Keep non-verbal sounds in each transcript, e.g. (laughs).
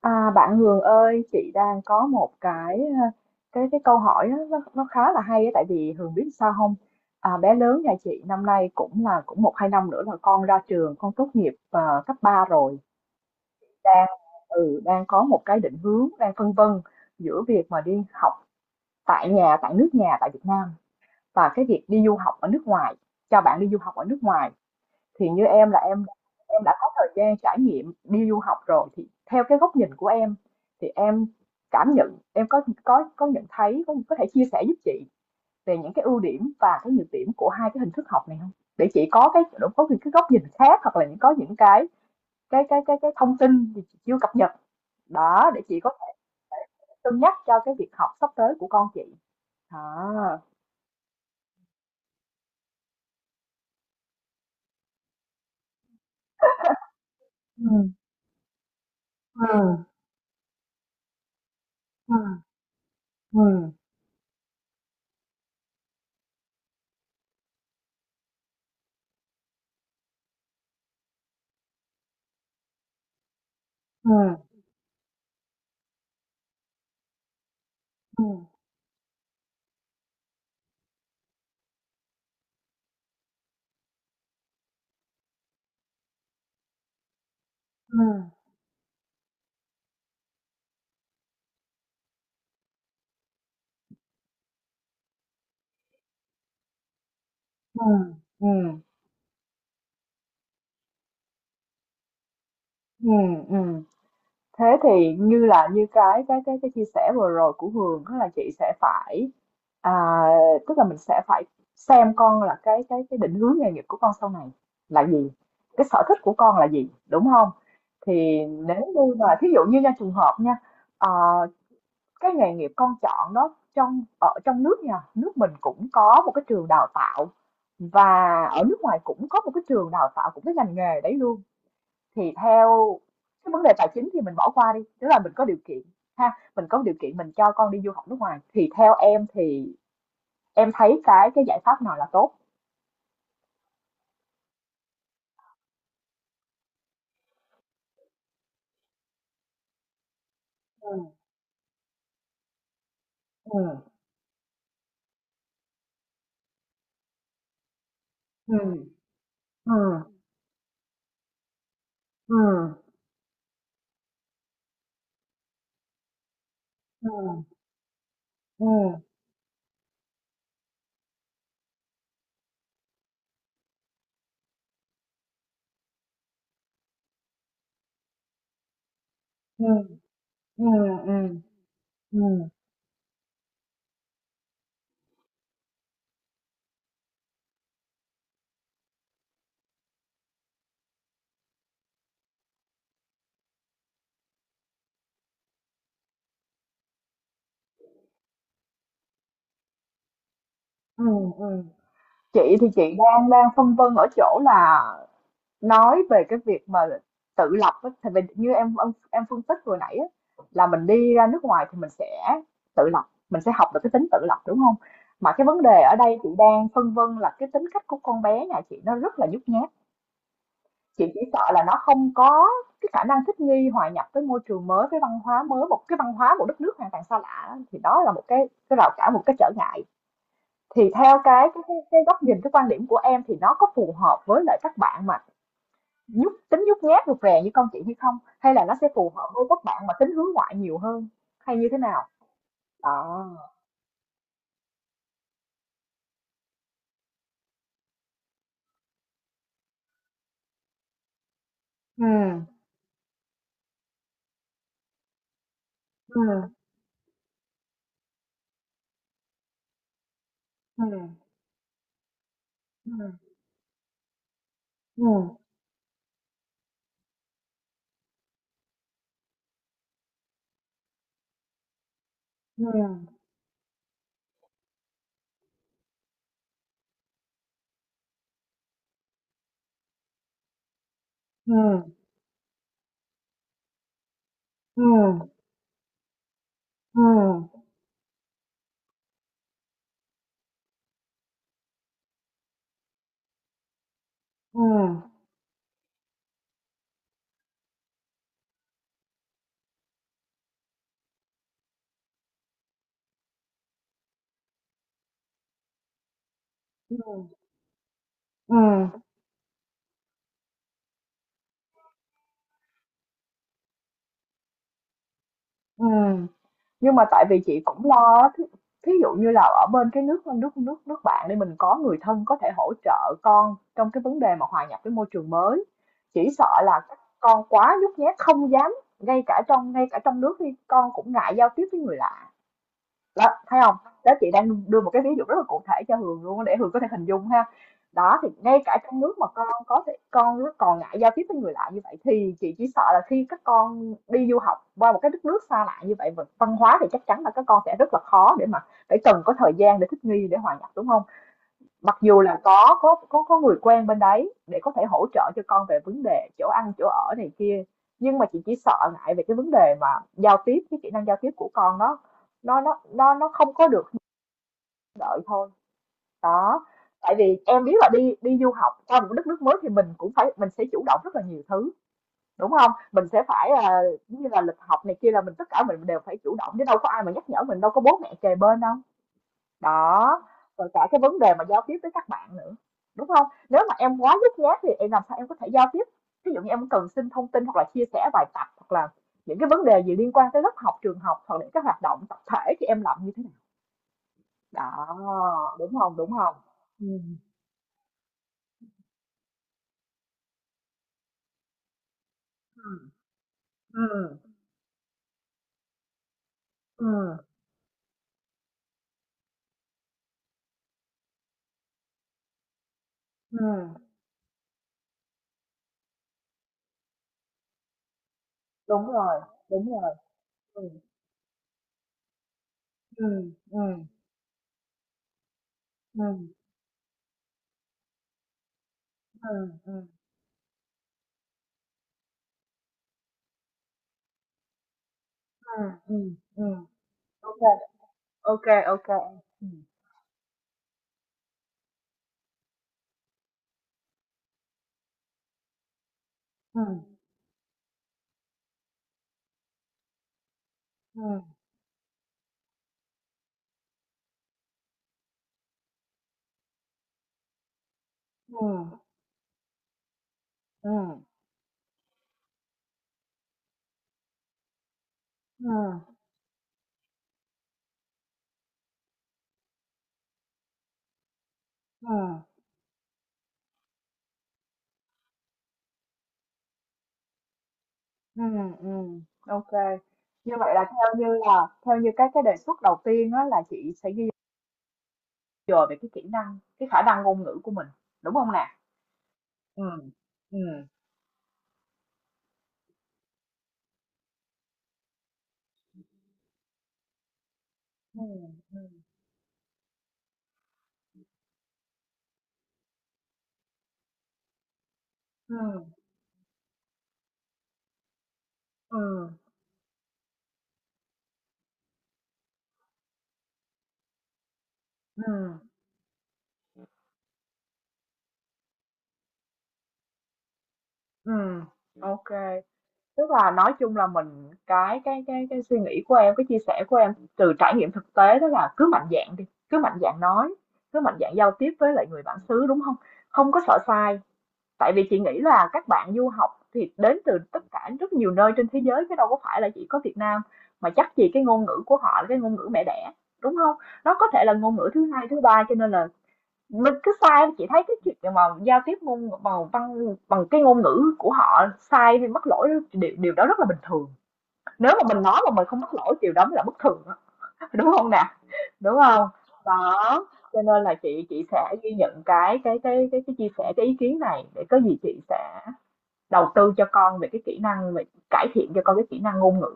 À, bạn Hường ơi, chị đang có một cái ờ, cái câu hỏi á, nó khá là hay á, tại vì Hường biết sao không? À, bé lớn nhà chị năm nay cũng một hai năm nữa là con ra trường, con tốt nghiệp cấp ba rồi, đang đang có một cái định hướng, đang phân vân giữa việc mà đi học tại nhà, tại nước nhà, tại Việt Nam và cái việc đi du học ở nước ngoài, cho bạn đi du học ở nước ngoài thì như em là em đã có thời gian trải nghiệm đi du học rồi thì theo cái góc nhìn của em thì em cảm nhận em có nhận thấy có thể chia sẻ giúp chị về những cái ưu điểm và cái nhược điểm của hai cái hình thức học này không? Để chị có những cái góc nhìn khác hoặc là có những cái thông tin gì chị chưa cập nhật đó để chị có thể thể cân nhắc cho cái việc học sắp tới của con chị. À, ừ, ừ, ừ, ừ, ừ, ừ, ừ, ừ, ừ, ừ. Thế thì như cái chia sẻ vừa rồi của Hường đó là chị sẽ phải, à, tức là mình sẽ phải xem con là cái định hướng nghề nghiệp của con sau này là gì, cái sở thích của con là gì, đúng không? Thì nếu như mà thí dụ như nha, trường hợp nha, ờ, cái nghề nghiệp con chọn đó, ở trong nước nha, nước mình cũng có một cái trường đào tạo và ở nước ngoài cũng có một cái trường đào tạo của cái ngành nghề đấy luôn, thì theo cái vấn đề tài chính thì mình bỏ qua đi, tức là mình có điều kiện ha, mình có điều kiện mình cho con đi du học nước ngoài thì theo em thì em thấy cái giải pháp nào là tốt? Ừ, ừ, ừ, ừ, ừ, ừ, ừ, ừ, ừ, ừ, ừ, ừ, ừ. Chị thì chị đang đang phân vân ở chỗ là nói về cái việc mà tự lập á, thì mình như em phân tích vừa nãy á, là mình đi ra nước ngoài thì mình sẽ tự lập, mình sẽ học được cái tính tự lập, đúng không? Mà cái vấn đề ở đây chị đang phân vân là cái tính cách của con bé nhà chị nó rất là nhút nhát, chị chỉ sợ là nó không có cái khả năng thích nghi, hòa nhập với môi trường mới, với văn hóa mới, một cái văn hóa, một đất nước hoàn toàn xa lạ, thì đó là một cái rào cản, một cái trở ngại. Thì theo cái góc nhìn, cái quan điểm của em thì nó có phù hợp với lại các bạn mà nhút nhát rụt rè như con chị hay không, hay là nó sẽ phù hợp với các bạn mà tính hướng ngoại nhiều hơn, hay như thế nào? Đó. Ừ, ừ, ừ, ừ, ừ, ừ, ừ, ừ, ừ, ừ, ừ, ừ, ừ. Nhưng mà tại vì chị cũng lo á, thí dụ như là ở bên cái nước nước nước nước bạn đi, mình có người thân có thể hỗ trợ con trong cái vấn đề mà hòa nhập với môi trường mới. Chỉ sợ là các con quá nhút nhát không dám, ngay cả trong nước thì con cũng ngại giao tiếp với người lạ. Đó, thấy không? Đó, chị đang đưa một cái ví dụ rất là cụ thể cho Hường luôn á, để Hường có thể hình dung ha. Đó, thì ngay cả trong nước mà con có thể con nó còn ngại giao tiếp với người lạ như vậy, thì chị chỉ sợ là khi các con đi du học qua một cái đất nước xa lạ như vậy, văn hóa thì chắc chắn là các con sẽ rất là khó để mà phải cần có thời gian để thích nghi, để hòa nhập, đúng không? Mặc dù là có người quen bên đấy để có thể hỗ trợ cho con về vấn đề chỗ ăn chỗ ở này kia, nhưng mà chị chỉ sợ ngại về cái vấn đề mà giao tiếp cái kỹ năng giao tiếp của con, nó không có được như đợi thôi. Đó. Tại vì em biết là đi đi du học qua một đất nước mới thì mình cũng phải mình sẽ chủ động rất là nhiều thứ, đúng không? Mình sẽ phải, giống như là lịch học này kia, là tất cả mình đều phải chủ động, chứ đâu có ai mà nhắc nhở mình, đâu có bố mẹ kề bên đâu. Đó. Rồi cả cái vấn đề mà giao tiếp với các bạn nữa, đúng không? Nếu mà em quá nhút nhát thì em làm sao em có thể giao tiếp? Ví dụ như em cần xin thông tin hoặc là chia sẻ bài tập hoặc là những cái vấn đề gì liên quan tới lớp học trường học hoặc những cái hoạt động tập thể thì em làm như thế nào? Đó, đúng không? Đúng không? Ừ, ừ, ừ, ừ, ừ. Đúng rồi, đúng rồi. Ừ, ừ, ừ, ừ, ừ, ừ, ừ, ừ, ừ. OK, OK, OK. Ừ, ừ, ừ, ừ, ừ, ừ, ừ, ừ, ừ. OK. Như vậy là theo như các cái đề xuất đầu tiên á, là chị sẽ ghi giờ về cái kỹ năng, cái khả năng ngôn ngữ của mình, đúng không nè? Ừ, ừ, ừ, ừ, ừ, ừ, ừm. Ừm. OK. Tức là nói chung là mình, cái suy nghĩ của em, cái chia sẻ của em từ trải nghiệm thực tế đó là cứ mạnh dạn đi, cứ mạnh dạn nói, cứ mạnh dạn giao tiếp với lại người bản xứ, đúng không? Không có sợ sai. Tại vì chị nghĩ là các bạn du học thì đến từ tất cả rất nhiều nơi trên thế giới chứ đâu có phải là chỉ có Việt Nam, mà chắc gì cái ngôn ngữ của họ là cái ngôn ngữ mẹ đẻ, đúng không? Nó có thể là ngôn ngữ thứ hai thứ ba, cho nên là mình cứ sai, chị thấy cái chuyện mà giao tiếp ngôn bằng văn bằng cái ngôn ngữ của họ sai thì mắc lỗi, điều đó rất là bình thường, nếu mà mình nói mà mình không mắc lỗi điều đó mới là bất thường á. (laughs) Đúng không nè? Đúng không? Đó. Cho nên là chị sẽ ghi nhận cái chia sẻ, cái ý kiến này, để có gì chị sẽ đầu tư cho con về cải thiện cho con cái kỹ năng ngôn ngữ,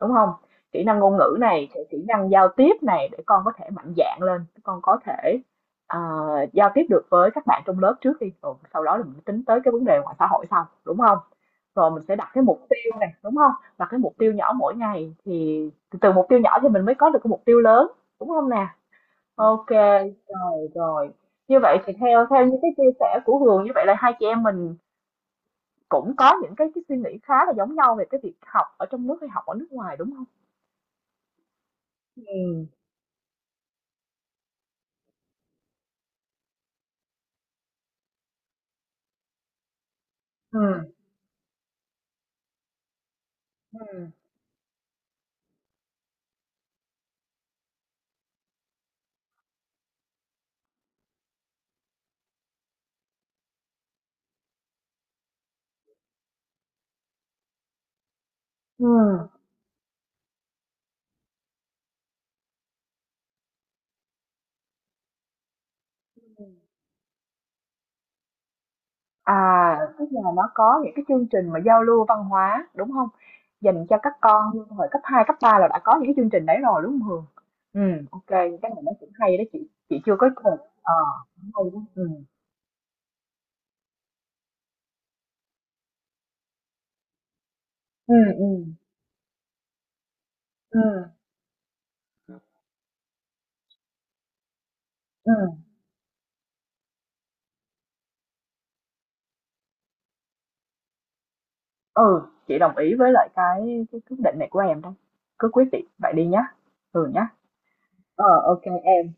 đúng không? Kỹ năng ngôn ngữ này, cái kỹ năng giao tiếp này, để con có thể mạnh dạn lên, con có thể, ờ, giao tiếp được với các bạn trong lớp trước đi, rồi sau đó là mình tính tới cái vấn đề ngoài xã hội sau, đúng không? Rồi mình sẽ đặt cái mục tiêu này, đúng không? Đặt cái mục tiêu nhỏ mỗi ngày, thì từ mục tiêu nhỏ thì mình mới có được cái mục tiêu lớn, đúng không nè? OK, rồi, rồi. Như vậy thì theo theo như cái chia sẻ của Hường, như vậy là hai chị em mình cũng có những cái suy nghĩ khá là giống nhau về cái việc học ở trong nước hay học ở nước ngoài, đúng không? Ừ, ừ. Ừm. Ừm. À, tức là nó có những cái chương trình mà giao lưu văn hóa, đúng không? Dành cho các con hồi cấp 2 cấp 3 là đã có những cái chương trình đấy rồi, đúng không Hường? Ừ, OK kê, cái này nó cũng hay đó, chị chưa có cùng, cũng hay đó, Ừm, ừm, ừm, ừm, ừ, chị đồng ý với lại cái quyết định này của em đó, cứ quyết định vậy đi nhá, Hường nhá. Ờ, OK em.